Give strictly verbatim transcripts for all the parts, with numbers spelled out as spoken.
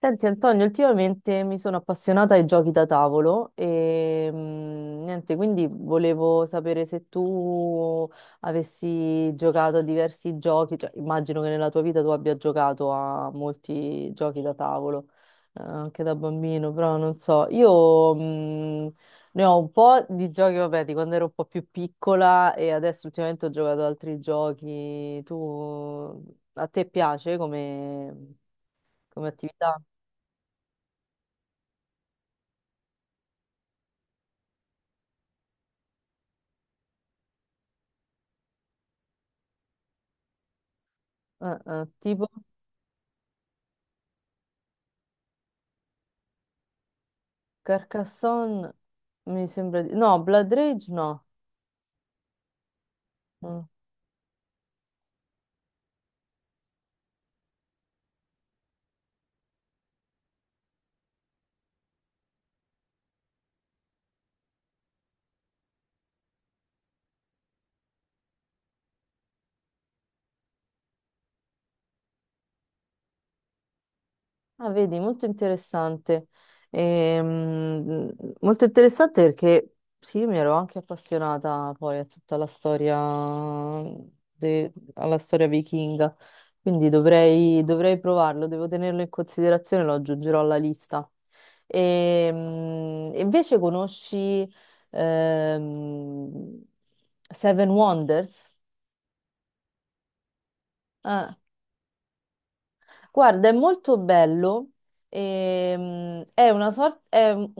Senti Antonio, ultimamente mi sono appassionata ai giochi da tavolo e mm, niente, quindi volevo sapere se tu avessi giocato a diversi giochi, cioè immagino che nella tua vita tu abbia giocato a molti giochi da tavolo, eh, anche da bambino, però non so, io mm, ne ho un po' di giochi, vabbè, di quando ero un po' più piccola e adesso ultimamente ho giocato ad altri giochi. Tu, a te piace come come attività? Eh, eh, tipo Carcassonne mi sembra di... No, Blood Rage no. Mm. Ah, vedi, molto interessante. Ehm, molto interessante perché sì, mi ero anche appassionata poi a tutta la storia, de- alla storia vichinga, quindi dovrei, dovrei provarlo, devo tenerlo in considerazione, lo aggiungerò alla lista. Ehm, invece conosci ehm, Seven Wonders? Ah, guarda, è molto bello. ehm, è una, sor- è un-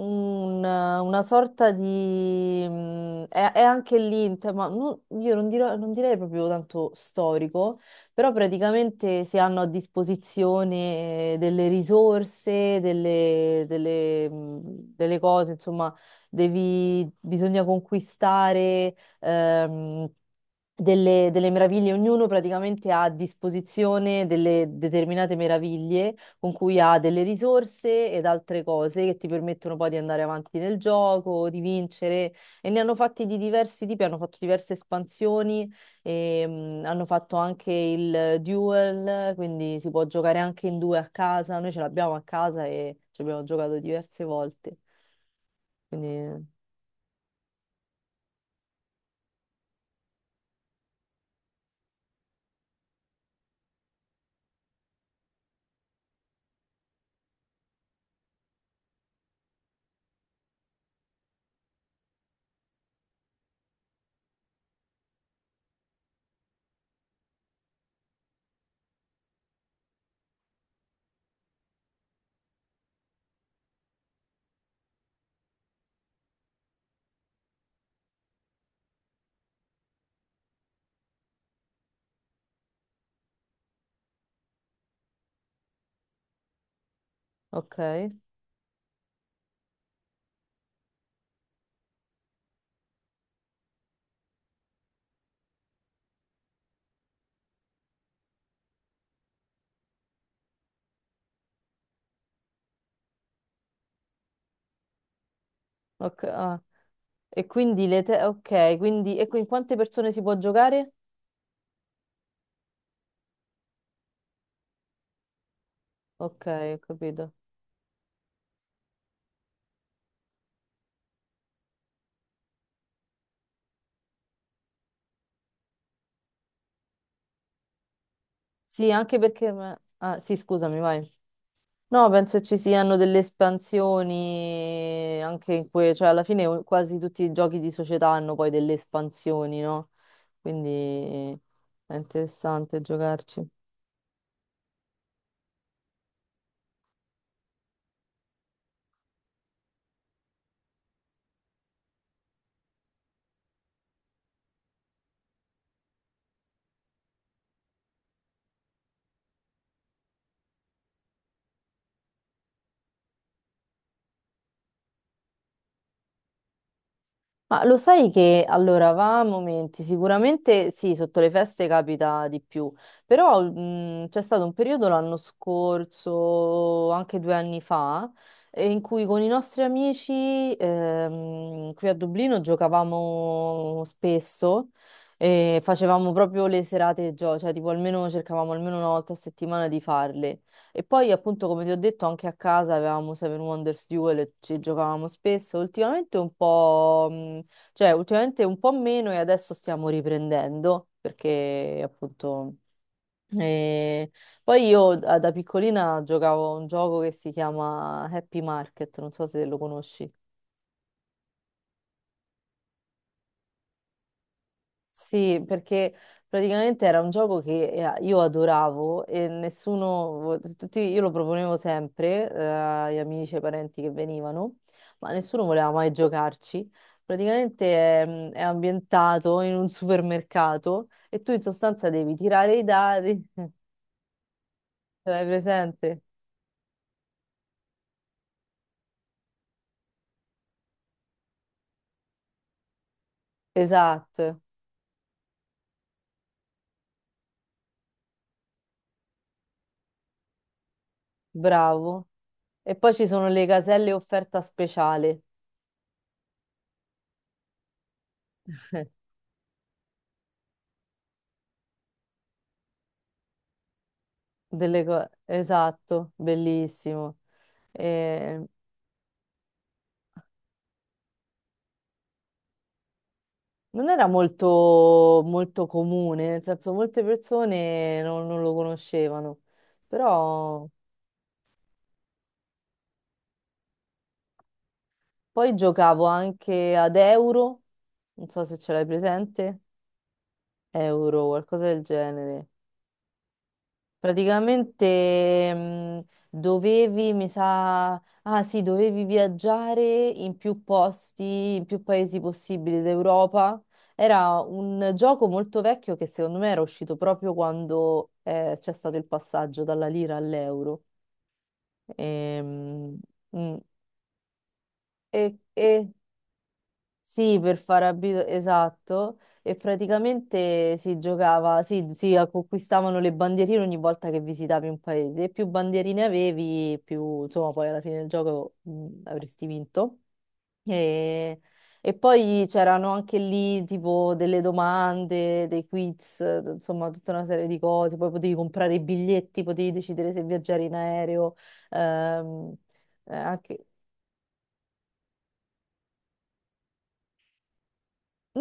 una sorta di... mm, È, è anche lì, in tema- non- io non, dirò- non direi proprio tanto storico, però praticamente si hanno a disposizione eh, delle risorse, delle, delle, mm, delle cose, insomma, devi, bisogna conquistare. ehm, delle, delle meraviglie, ognuno praticamente ha a disposizione delle determinate meraviglie con cui ha delle risorse ed altre cose che ti permettono poi di andare avanti nel gioco, di vincere e ne hanno fatti di diversi tipi, hanno fatto diverse espansioni, e, mm, hanno fatto anche il duel, quindi si può giocare anche in due a casa, noi ce l'abbiamo a casa e ci abbiamo giocato diverse volte. Quindi, ok, ok. Ah. E quindi le te... Ok, quindi... E in quante persone si può giocare? Ok, ho capito. Sì, anche perché... ma- Ah, sì, scusami, vai. No, penso ci siano delle espansioni anche in cui... Cioè, alla fine o- quasi tutti i giochi di società hanno poi delle espansioni, no? Quindi è interessante giocarci. Ma lo sai che allora va a momenti, sicuramente sì, sotto le feste capita di più, però mh, c'è stato un periodo l'anno scorso, anche due anni fa, eh, in cui con i nostri amici ehm, qui a Dublino giocavamo spesso e facevamo proprio le serate gioco, cioè tipo almeno cercavamo almeno una volta a settimana di farle. E poi appunto come ti ho detto anche a casa avevamo Seven Wonders Duel e ci giocavamo spesso, ultimamente un po'... mh, cioè, ultimamente un po' meno e adesso stiamo riprendendo perché appunto... eh, Poi io da da piccolina giocavo a un gioco che si chiama Happy Market, non so se lo conosci. Sì, perché praticamente era un gioco che eh, io adoravo e nessuno, vo- tutti, io lo proponevo sempre eh, agli amici e ai parenti che venivano, ma nessuno voleva mai giocarci. Praticamente è, mm, è ambientato in un supermercato e tu in sostanza devi tirare i dadi, ce l'hai presente? Esatto, bravo. E poi ci sono le caselle offerta speciale delle co- Esatto, bellissimo. Ehm, Non era molto, molto comune, nel senso molte persone non, non lo conoscevano, però poi giocavo anche ad Euro, non so se ce l'hai presente, Euro, qualcosa del genere. Praticamente mh, dovevi, mi sa, ah sì, dovevi viaggiare in più posti, in più paesi possibili d'Europa. Era un gioco molto vecchio che secondo me era uscito proprio quando eh, c'è stato il passaggio dalla lira all'euro. Ehm, mm, E, e, Sì, per far abito, esatto. E praticamente si giocava, sì, si conquistavano le bandierine ogni volta che visitavi un paese. E più bandierine avevi, più, insomma, poi alla fine del gioco mh, avresti vinto. E, e poi c'erano anche lì tipo delle domande, dei quiz, eh, insomma, tutta una serie di cose. Poi potevi comprare i biglietti, potevi decidere se viaggiare in aereo. Ehm, eh, anche...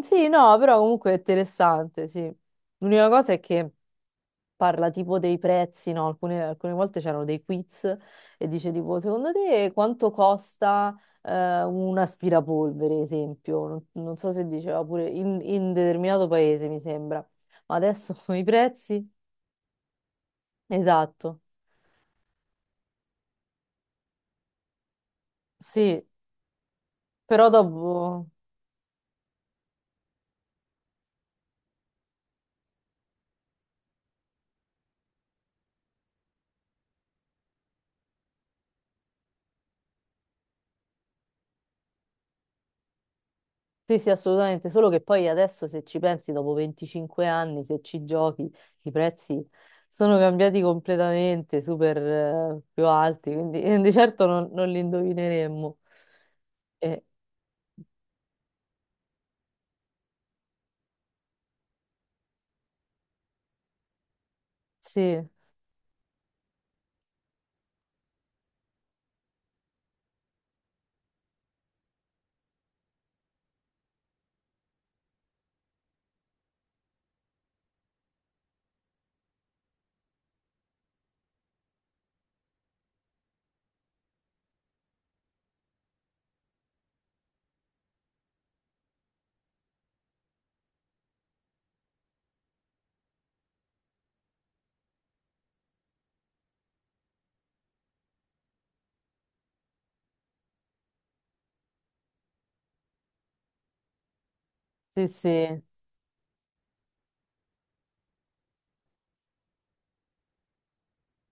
Sì, no, però comunque è interessante, sì. L'unica cosa è che parla tipo dei prezzi, no? Alcune, alcune volte c'erano dei quiz e dice tipo, secondo te quanto costa eh, un aspirapolvere, esempio? Non, non so se diceva pure in, in determinato paese, mi sembra. Ma adesso i prezzi? Esatto, sì, però dopo... Sì, sì, assolutamente, solo che poi adesso se ci pensi, dopo venticinque anni, se ci giochi, i prezzi sono cambiati completamente, super eh, più alti, quindi eh, di certo non, non li indovineremmo. Eh, sì, sì, sì.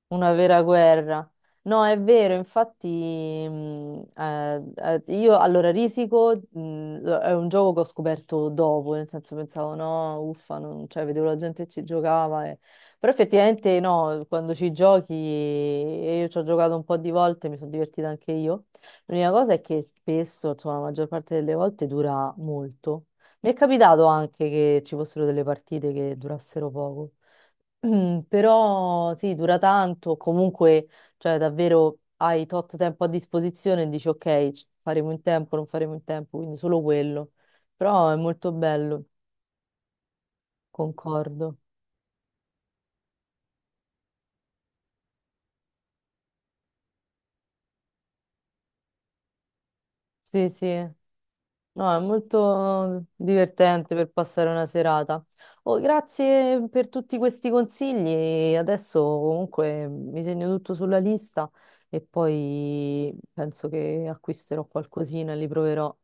Una vera guerra. No, è vero, infatti, mh, eh, eh, io allora Risico mh, lo- è un gioco che ho scoperto dopo, nel senso pensavo no, uffa, non- cioè, vedevo la gente che ci giocava, e- però effettivamente no, quando ci giochi, e io ci ho giocato un po' di volte, mi sono divertita anche io. L'unica cosa è che spesso, insomma, la maggior parte delle volte dura molto. Mi è capitato anche che ci fossero delle partite che durassero poco. Mm, però sì, dura tanto, comunque, cioè davvero hai tot tempo a disposizione e dici ok, ci- faremo in tempo, non faremo in tempo, quindi solo quello. Però è molto bello, concordo. Sì, sì, no, è molto divertente per passare una serata. Oh, grazie per tutti questi consigli. Adesso comunque mi segno tutto sulla lista e poi penso che acquisterò qualcosina, li proverò.